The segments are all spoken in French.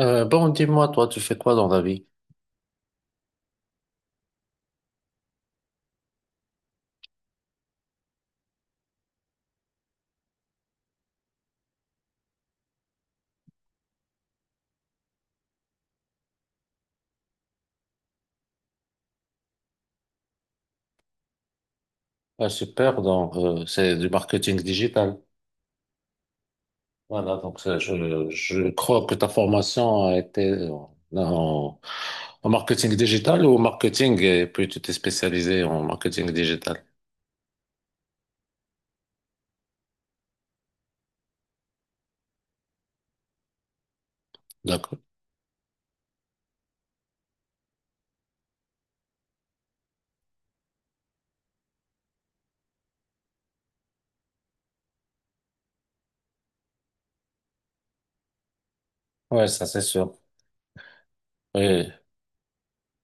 Dis-moi, toi, tu fais quoi dans la vie? Ah, super, donc, c'est du marketing digital. Voilà, je crois que ta formation a été en marketing digital ou au marketing, et puis tu t'es spécialisé en marketing digital. D'accord. Ouais, ça c'est sûr. Oui.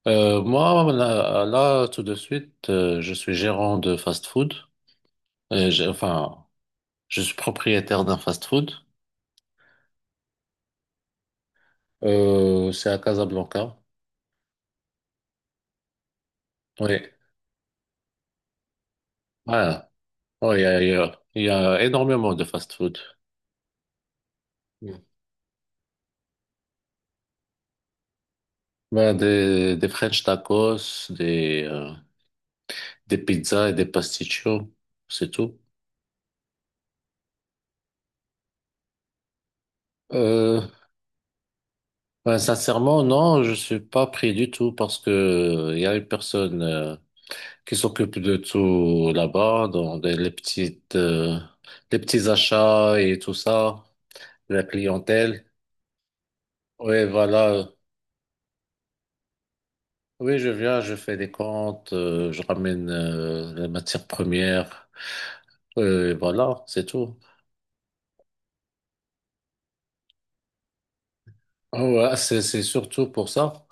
Moi, là, tout de suite, je suis gérant de fast-food. Enfin, je suis propriétaire d'un fast-food. C'est à Casablanca. Oui. Ouais. Oh, il y a énormément de fast-food. Mm. Ben, des French tacos, des pizzas et des pasticcios, c'est tout. Euh, ben, sincèrement, non, je suis pas pris du tout parce que il y a une personne qui s'occupe de tout là-bas, les petites, les petits achats et tout ça, la clientèle. Oui, voilà. Oui, je viens, je fais des comptes, je ramène les matières premières, et voilà, c'est tout. Ah, ouais, c'est surtout pour ça,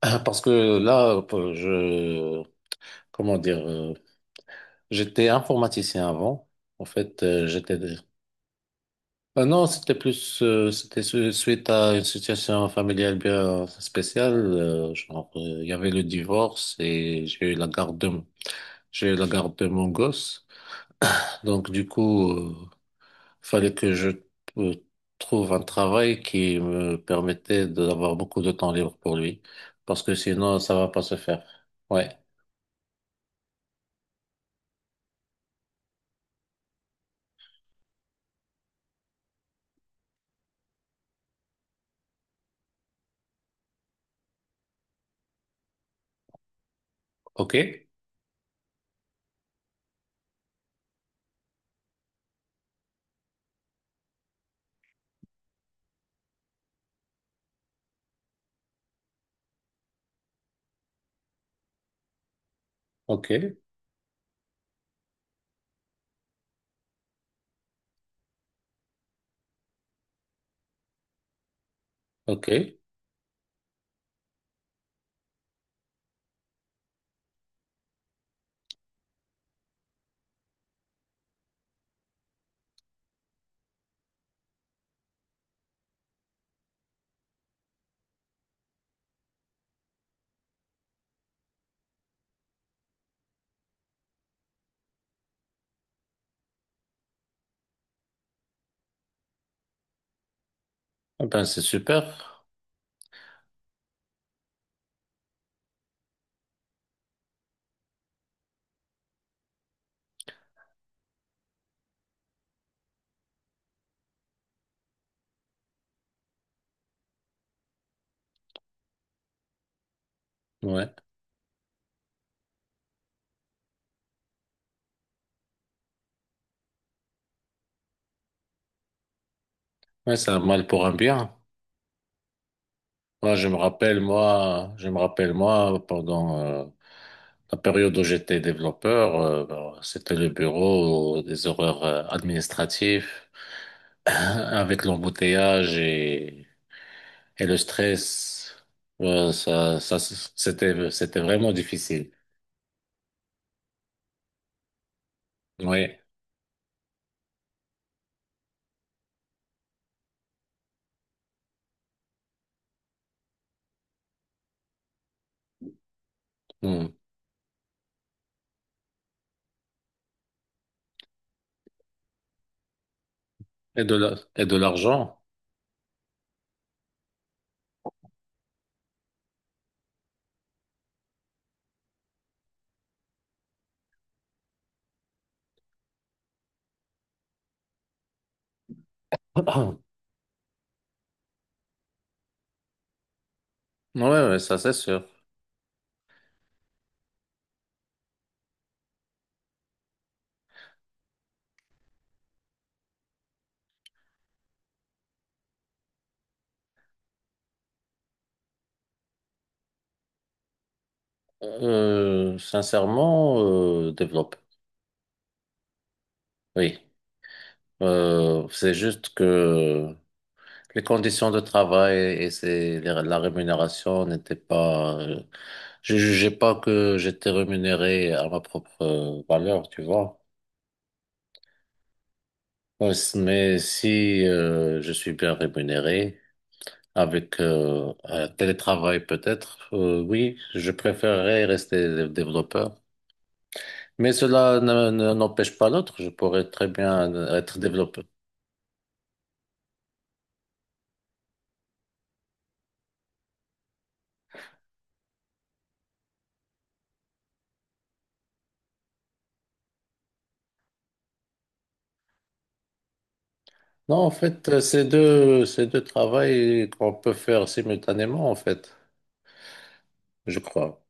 parce que là, comment dire, j'étais informaticien avant. En fait, j'étais. Ah non, c'était suite à une situation familiale bien spéciale. Il y avait le divorce et j'ai eu la garde de mon gosse. Donc du coup, fallait que je euh, trouve un travail qui me permettait d'avoir beaucoup de temps libre pour lui, parce que sinon, ça va pas se faire. Ouais. OK. OK. OK, eh ben, c'est super. Ouais. Ouais, c'est un mal pour un bien. Moi, je me rappelle, moi, pendant la période où j'étais développeur, ben, c'était le bureau, des horaires administratifs, avec l'embouteillage. Et le stress, ouais, c'était vraiment difficile. Oui. Mm. Et de l'argent. Ouais, ouais, ça c'est sûr. Développe. Oui. C'est juste que les conditions de travail la rémunération n'étaient pas. Je jugeais pas que j'étais rémunéré à ma propre valeur, tu vois. Ouais, mais si je suis bien rémunéré. Avec un télétravail peut-être, oui, je préférerais rester développeur. Mais cela n'empêche pas l'autre, je pourrais très bien être développeur. Non, en fait, c'est deux travails qu'on peut faire simultanément, en fait, je crois.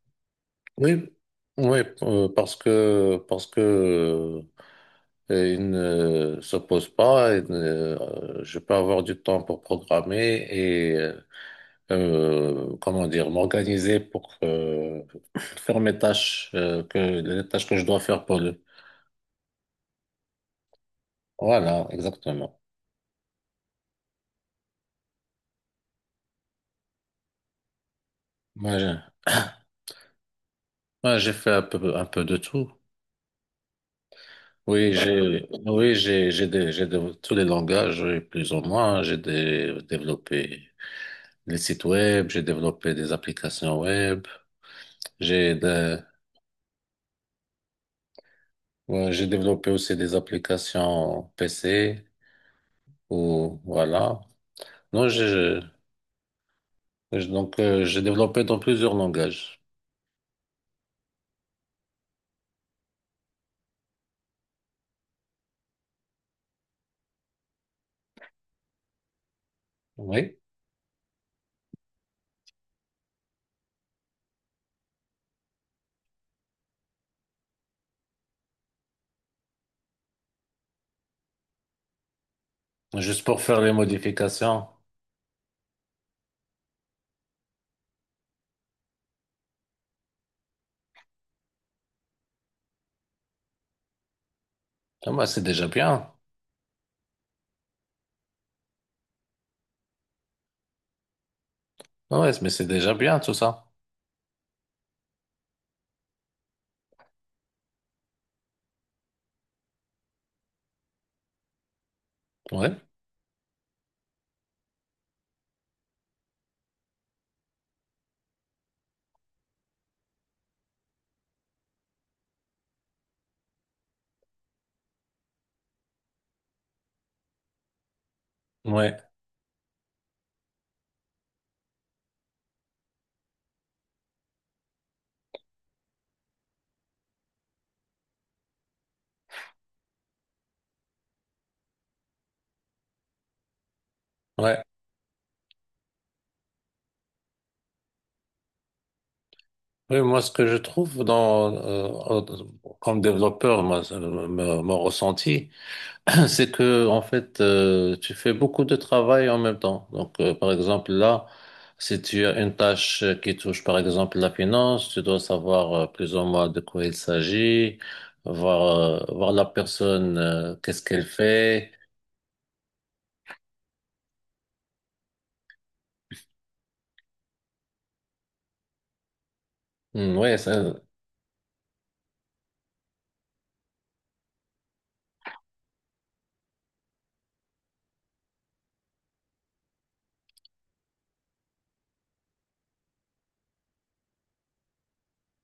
Oui, oui, parce que ils ne s'oppose pas, et, je peux avoir du temps pour programmer, comment dire, m'organiser pour faire mes tâches, les tâches que je dois faire pour le. Voilà, exactement. Moi, j'ai j'ai fait un peu de tout. Tous les langages, oui, plus ou moins. J'ai développé les sites web, j'ai développé des applications web, j'ai des- ouais, j'ai développé aussi des applications PC ou voilà. Non, j'ai Et Donc, j'ai développé dans plusieurs langages. Oui. Juste pour faire les modifications. Ah, bah, c'est déjà bien. Ah ouais, mais c'est déjà bien tout ça. Ouais. Ouais. Ouais. Oui, moi, ce que je trouve comme développeur, moi, mon ressenti, c'est que, en fait, tu fais beaucoup de travail en même temps. Donc, par exemple, là, si tu as une tâche qui touche, par exemple, la finance, tu dois savoir, plus ou moins, de quoi il s'agit, voir, voir la personne, qu'est-ce qu'elle fait. Hmm, ouais, c'est,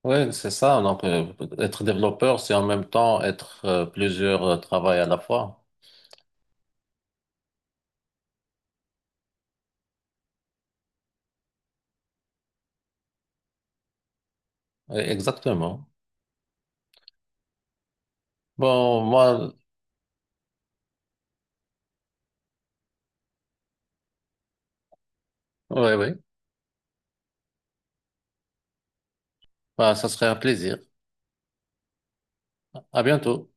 ouais, c'est ça. Donc, être développeur, c'est en même temps être plusieurs travails à la fois. Ouais, exactement. Bon, moi, ouais, ouais. Bah, ça serait un plaisir. À bientôt.